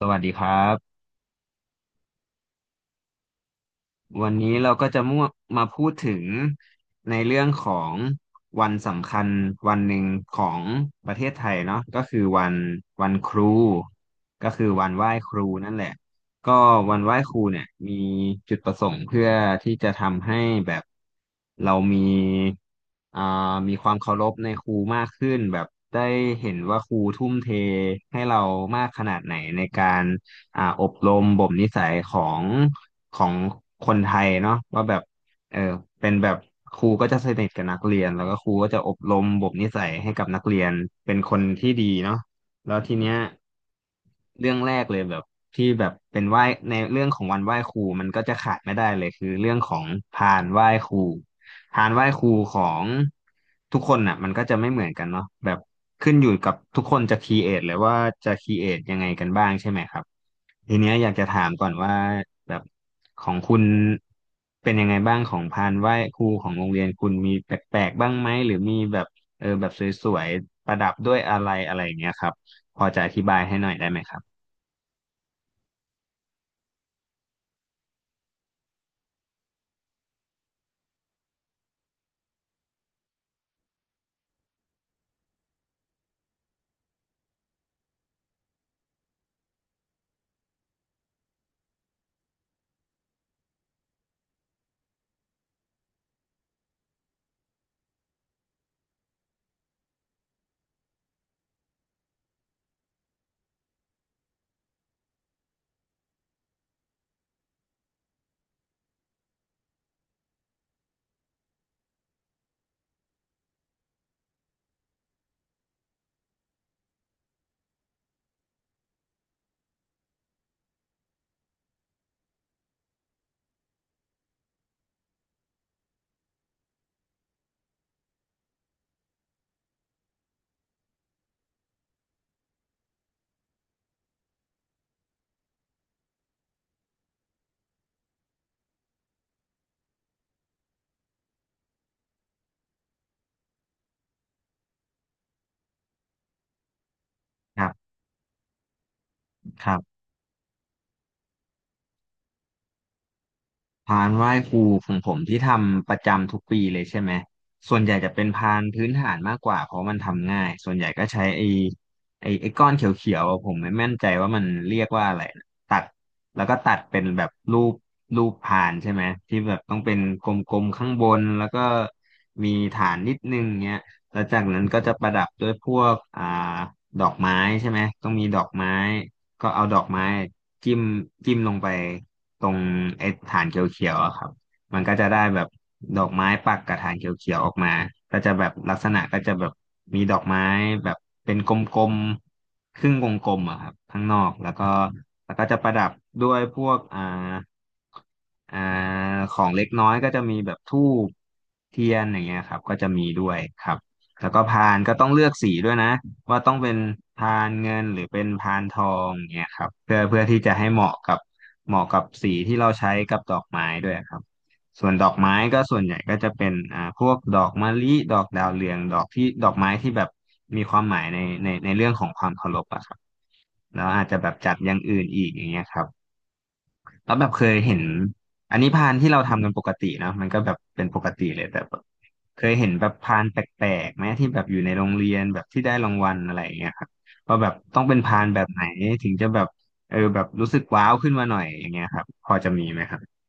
สวัสดีครับวันนี้เราก็จะมั่วมาพูดถึงในเรื่องของวันสำคัญวันหนึ่งของประเทศไทยเนาะก็คือวันครูก็คือวันไหว้ครูนั่นแหละก็วันไหว้ครูเนี่ยมีจุดประสงค์เพื่อที่จะทำให้แบบเรามีอ่ามีความเคารพในครูมากขึ้นแบบได้เห็นว่าครูทุ่มเทให้เรามากขนาดไหนในการ อบรมบ่มนิสัยของคนไทยเนาะว่าแบบเออเป็นแบบครูก็จะสนิทกับนักเรียนแล้วก็ครูก็จะอบรมบ่มนิสัยให้กับนักเรียนเป็นคนที่ดีเนาะแล้วทีเนี้ยเรื่องแรกเลยแบบที่แบบเป็นไหว้ในเรื่องของวันไหว้ครูมันก็จะขาดไม่ได้เลยคือเรื่องของพานไหว้ครูพานไหว้ครูของทุกคนน่ะมันก็จะไม่เหมือนกันเนาะแบบขึ้นอยู่กับทุกคนจะครีเอทเลยว่าจะครีเอทยังไงกันบ้างใช่ไหมครับ ทีเนี้ยอยากจะถามก่อนว่าแบบของคุณเป็นยังไงบ้างของพานไหว้ครูของโรงเรียนคุณมีแปลกๆบ้างไหมหรือมีแบบเออแบบสวยๆประดับด้วยอะไรอะไรอย่างเงี้ยครับพอจะอธิบายให้หน่อยได้ไหมครับครับครับ พานไหว้ครูของผมที่ทำประจำทุกปีเลยใช่ไหมส่วนใหญ่จะเป็นพานพื้นฐานมากกว่าเพราะมันทำง่ายส่วนใหญ่ก็ใช้ไอ้ก้อนเขียวๆอะผมไม่แน่ใจว่ามันเรียกว่าอะไรนะตัดแล้วก็ตัดเป็นแบบรูปพานใช่ไหมที่แบบต้องเป็นกลมๆข้างบนแล้วก็มีฐานนิดนึงเงี้ยแล้วจากนั้นก็จะประดับด้วยพวกดอกไม้ใช่ไหมต้องมีดอกไม้ก็เอาดอกไม้จิ้มจิ้มลงไป ตรงไอ้ฐานเขียวๆอะครับ มันก็จะได้แบบดอกไม้ปักกับฐานเขียวๆออกมาก็จะแบบลักษณะก็จะแบบมีดอกไม้แบบเป็นกลมๆครึ่งวงกลมอะครับข้างนอกแล้วก็จะประดับด้วยพวกอ่าของเล็กน้อยก็จะมีแบบธูปเทียนอย่างเงี้ยครับก็จะมีด้วยครับแล้วก็พานก็ต้องเลือกสีด้วยนะ ว่าต้องเป็นพานเงินหรือเป็นพานทองเนี่ยครับเพื่อที่จะให้เหมาะกับสีที่เราใช้กับดอกไม้ด้วยครับส่วนดอกไม้ก็ส่วนใหญ่ก็จะเป็นพวกดอกมะลิดอกดาวเรืองดอกที่ดอกไม้ที่แบบมีความหมายในเรื่องของความเคารพอะครับแล้วอาจจะแบบจัดอย่างอื่นอีกอย่างเงี้ยครับ แล้วแบบเคยเห็นอันนี้พานที่เราทำกันปกตินะมันก็แบบเป็นปกติเลยแต่แบบเคยเห็นแบบพานแปลกๆไหมที่แบบอยู่ในโรงเรียนแบบที่ได้รางวัลอะไรอย่างเงี้ยครับว่าแบบต้องเป็นพานแบบไหนถึงจะแบบเออแบบรู้สึกว้าวขึ้นมาหน่อยอย่างเงี้ยครับพอจะมีไหมครับ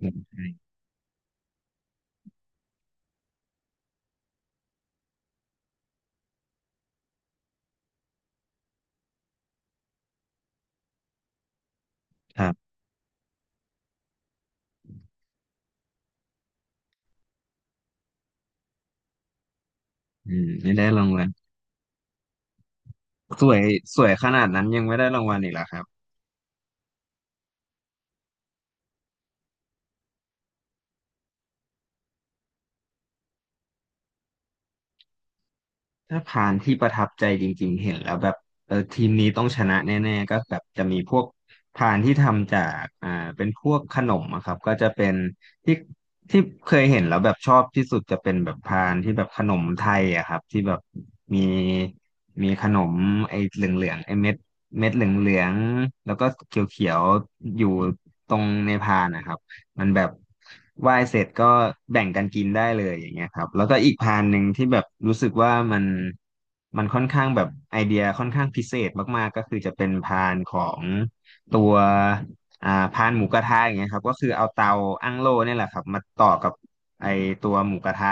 อืมครับอืมไม่ได้รางวัลสวยสวยขนาดนั้นยังไม่ได้รางวัลอีกเหรอครับ ถ้าผ่านที่ประทับใจจริงๆเห็นแล้วแบบเออทีมนี้ต้องชนะแน่ๆก็แบบจะมีพวกพานที่ทำจากเป็นพวกขนมอะครับก็จะเป็นที่ที่เคยเห็นแล้วแบบชอบที่สุดจะเป็นแบบพานที่แบบขนมไทยอะครับที่แบบมีมีขนมไอ้เหลืองๆไอ้เม็ดเหลืองๆแล้วก็เขียวๆอยู่ตรงในพานนะครับ มันแบบไหว้เสร็จก็แบ่งกันกินได้เลยอย่างเงี้ยครับแล้วก็อีกพานหนึ่งที่แบบรู้สึกว่ามันค่อนข้างแบบไอเดียค่อนข้างพิเศษมากๆก็คือจะเป็นพานของตัวพานหมูกระทะอย่างเงี้ยครับก็คือเอาเตาอั้งโล่เนี่ยแหละครับมาต่อกับไอตัวหมูกระทะ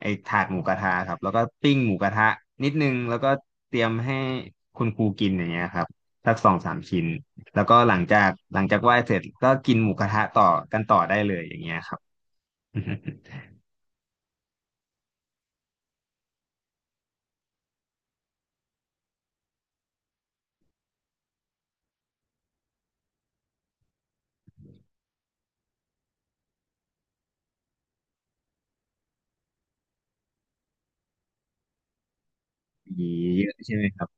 ไอถาดหมูกระทะครับแล้วก็ปิ้งหมูกระทะนิดนึงแล้วก็เตรียมให้คุณครูกินอย่างเงี้ยครับสักสองสามชิ้น แล้วก็หลังจากไหว้เสร็จก็กินหมูกระทะต่อกันต่อได้เลยอย่างเงี้ยครับ มีเยอะใช่ไหมครับ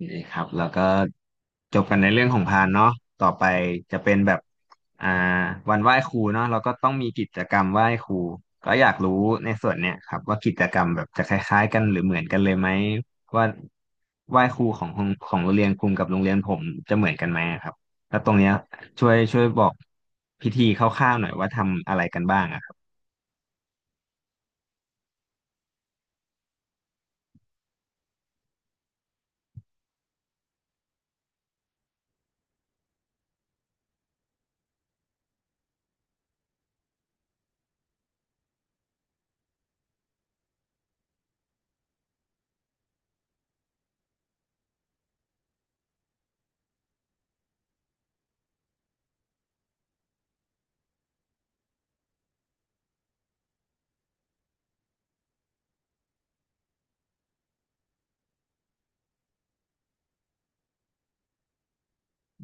นี่ครับแล้วก็จบกันในเรื่องของพานเนาะต่อไปจะเป็นแบบอ่าวันไหว้ครูเนาะเราก็ต้องมีกิจกรรมไหว้ครูก็อยากรู้ในส่วนเนี้ยครับว่ากิจกรรมแบบจะคล้ายๆกันหรือเหมือนกันเลยไหมว่าไหว้ครูของโรงเรียนคุณกับโรงเรียนผมจะเหมือนกันไหมครับแล้วตรงเนี้ยช่วยบอกพิธีคร่าวๆหน่อยว่าทำอะไรกันบ้างอะครับ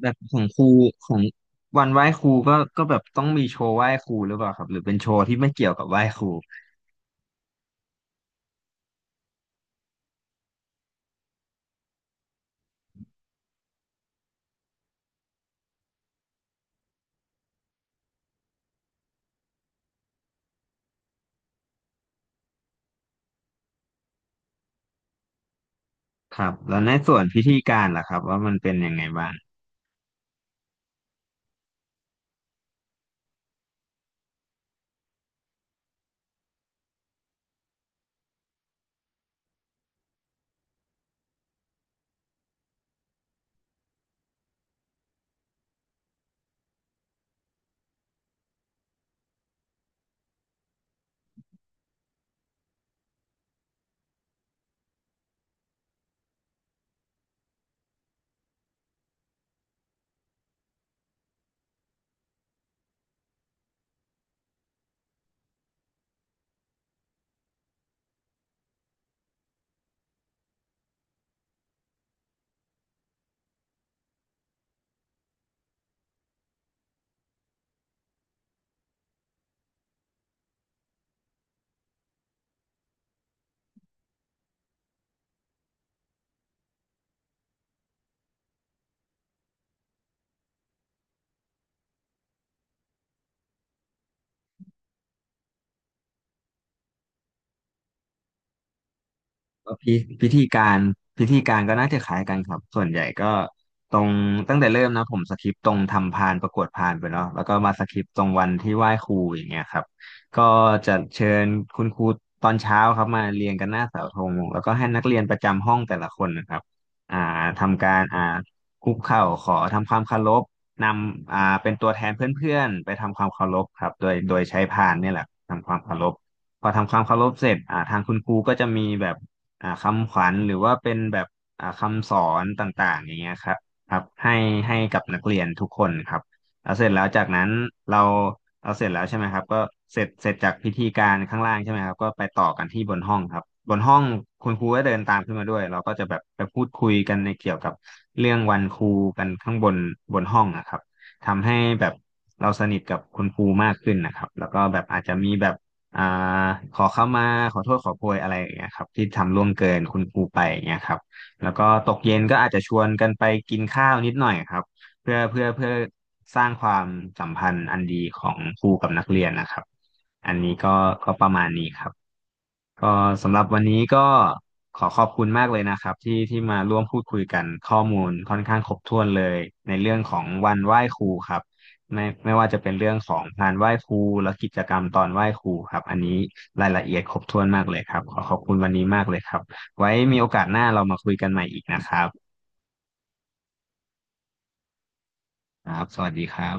แบบของครูของวันไหว้ครูก็แบบต้องมีโชว์ไหว้ครูหรือเปล่าครับหรือเป็นโชว์ที่ไม่เกี่ยวกับไหว้ครู ครับแล้วในส่วนพิธีการล่ะครับว่ามันเป็นยังไงบ้าง ก็พิธีการพิธีการก็น่าจะคล้ายกันครับส่วนใหญ่ก็ตรงตั้งแต่เริ่มนะผมสคริปต์ตรงทำพานประกวดพานไปเนาะแล้วก็มาสคริปต์ตรงวันที่ไหว้ครูอย่างเงี้ยครับก็จะเชิญคุณครูตอนเช้าครับมาเรียงกันหน้าเสาธงแล้วก็ให้นักเรียนประจำห้องแต่ละคนนะครับอ่าทำการคุกเข่าขอทำความเคารพนำเป็นตัวแทนเพื่อนๆไปทำความเคารพครับโดยใช้พานเนี่ยแหละทำความเคารพพอทำความเคารพเสร็จทางคุณครูก็จะมีแบบ คำขวัญหรือว่าเป็นแบบคำสอนต่างๆอย่างเงี้ยครับครับให้กับนักเรียนทุกคนครับแล้วเสร็จแล้วจากนั้นเราเราเสร็จแล้วใช่ไหมครับก็เสร็จจากพิธีการข้างล่างใช่ไหมครับก็ไปต่อกันที่บนห้องครับบนห้องคุณครูก็เดินตามขึ้นมาด้วยเราก็จะแบบไปพูดคุยกันในเกี่ยวกับเรื่องวันครูกันข้างบนบนห้องนะครับทำให้แบบเราสนิทกับคุณครูมากขึ้นนะครับแล้วก็แบบอาจจะมีแบบ อ่าขอเข้ามาขอโทษขอโพยอะไรอย่างเงี้ยครับที่ทำล่วงเกินคุณครูไปอย่างเงี้ยครับแล้วก็ตกเย็นก็อาจจะชวนกันไปกินข้าวนิดหน่อยครับเพื่อสร้างความสัมพันธ์อันดีของครูกับนักเรียนนะครับอันนี้ก็ประมาณนี้ครับ ก็สำหรับวันนี้ก็ขอบคุณมากเลยนะครับที่มาร่วมพูดคุยกันข้อมูลค่อนข้างครบถ้วนเลยในเรื่องของวันไหว้ครูครับไม่ว่าจะเป็นเรื่องของงานไหว้ครูและกิจกรรมตอนไหว้ครูครับอันนี้รายละเอียดครบถ้วนมากเลยครับขอขอบคุณวันนี้มากเลยครับไว้มีโอกาสหน้าเรามาคุยกันใหม่อีกนะครับครับสวัสดีครับ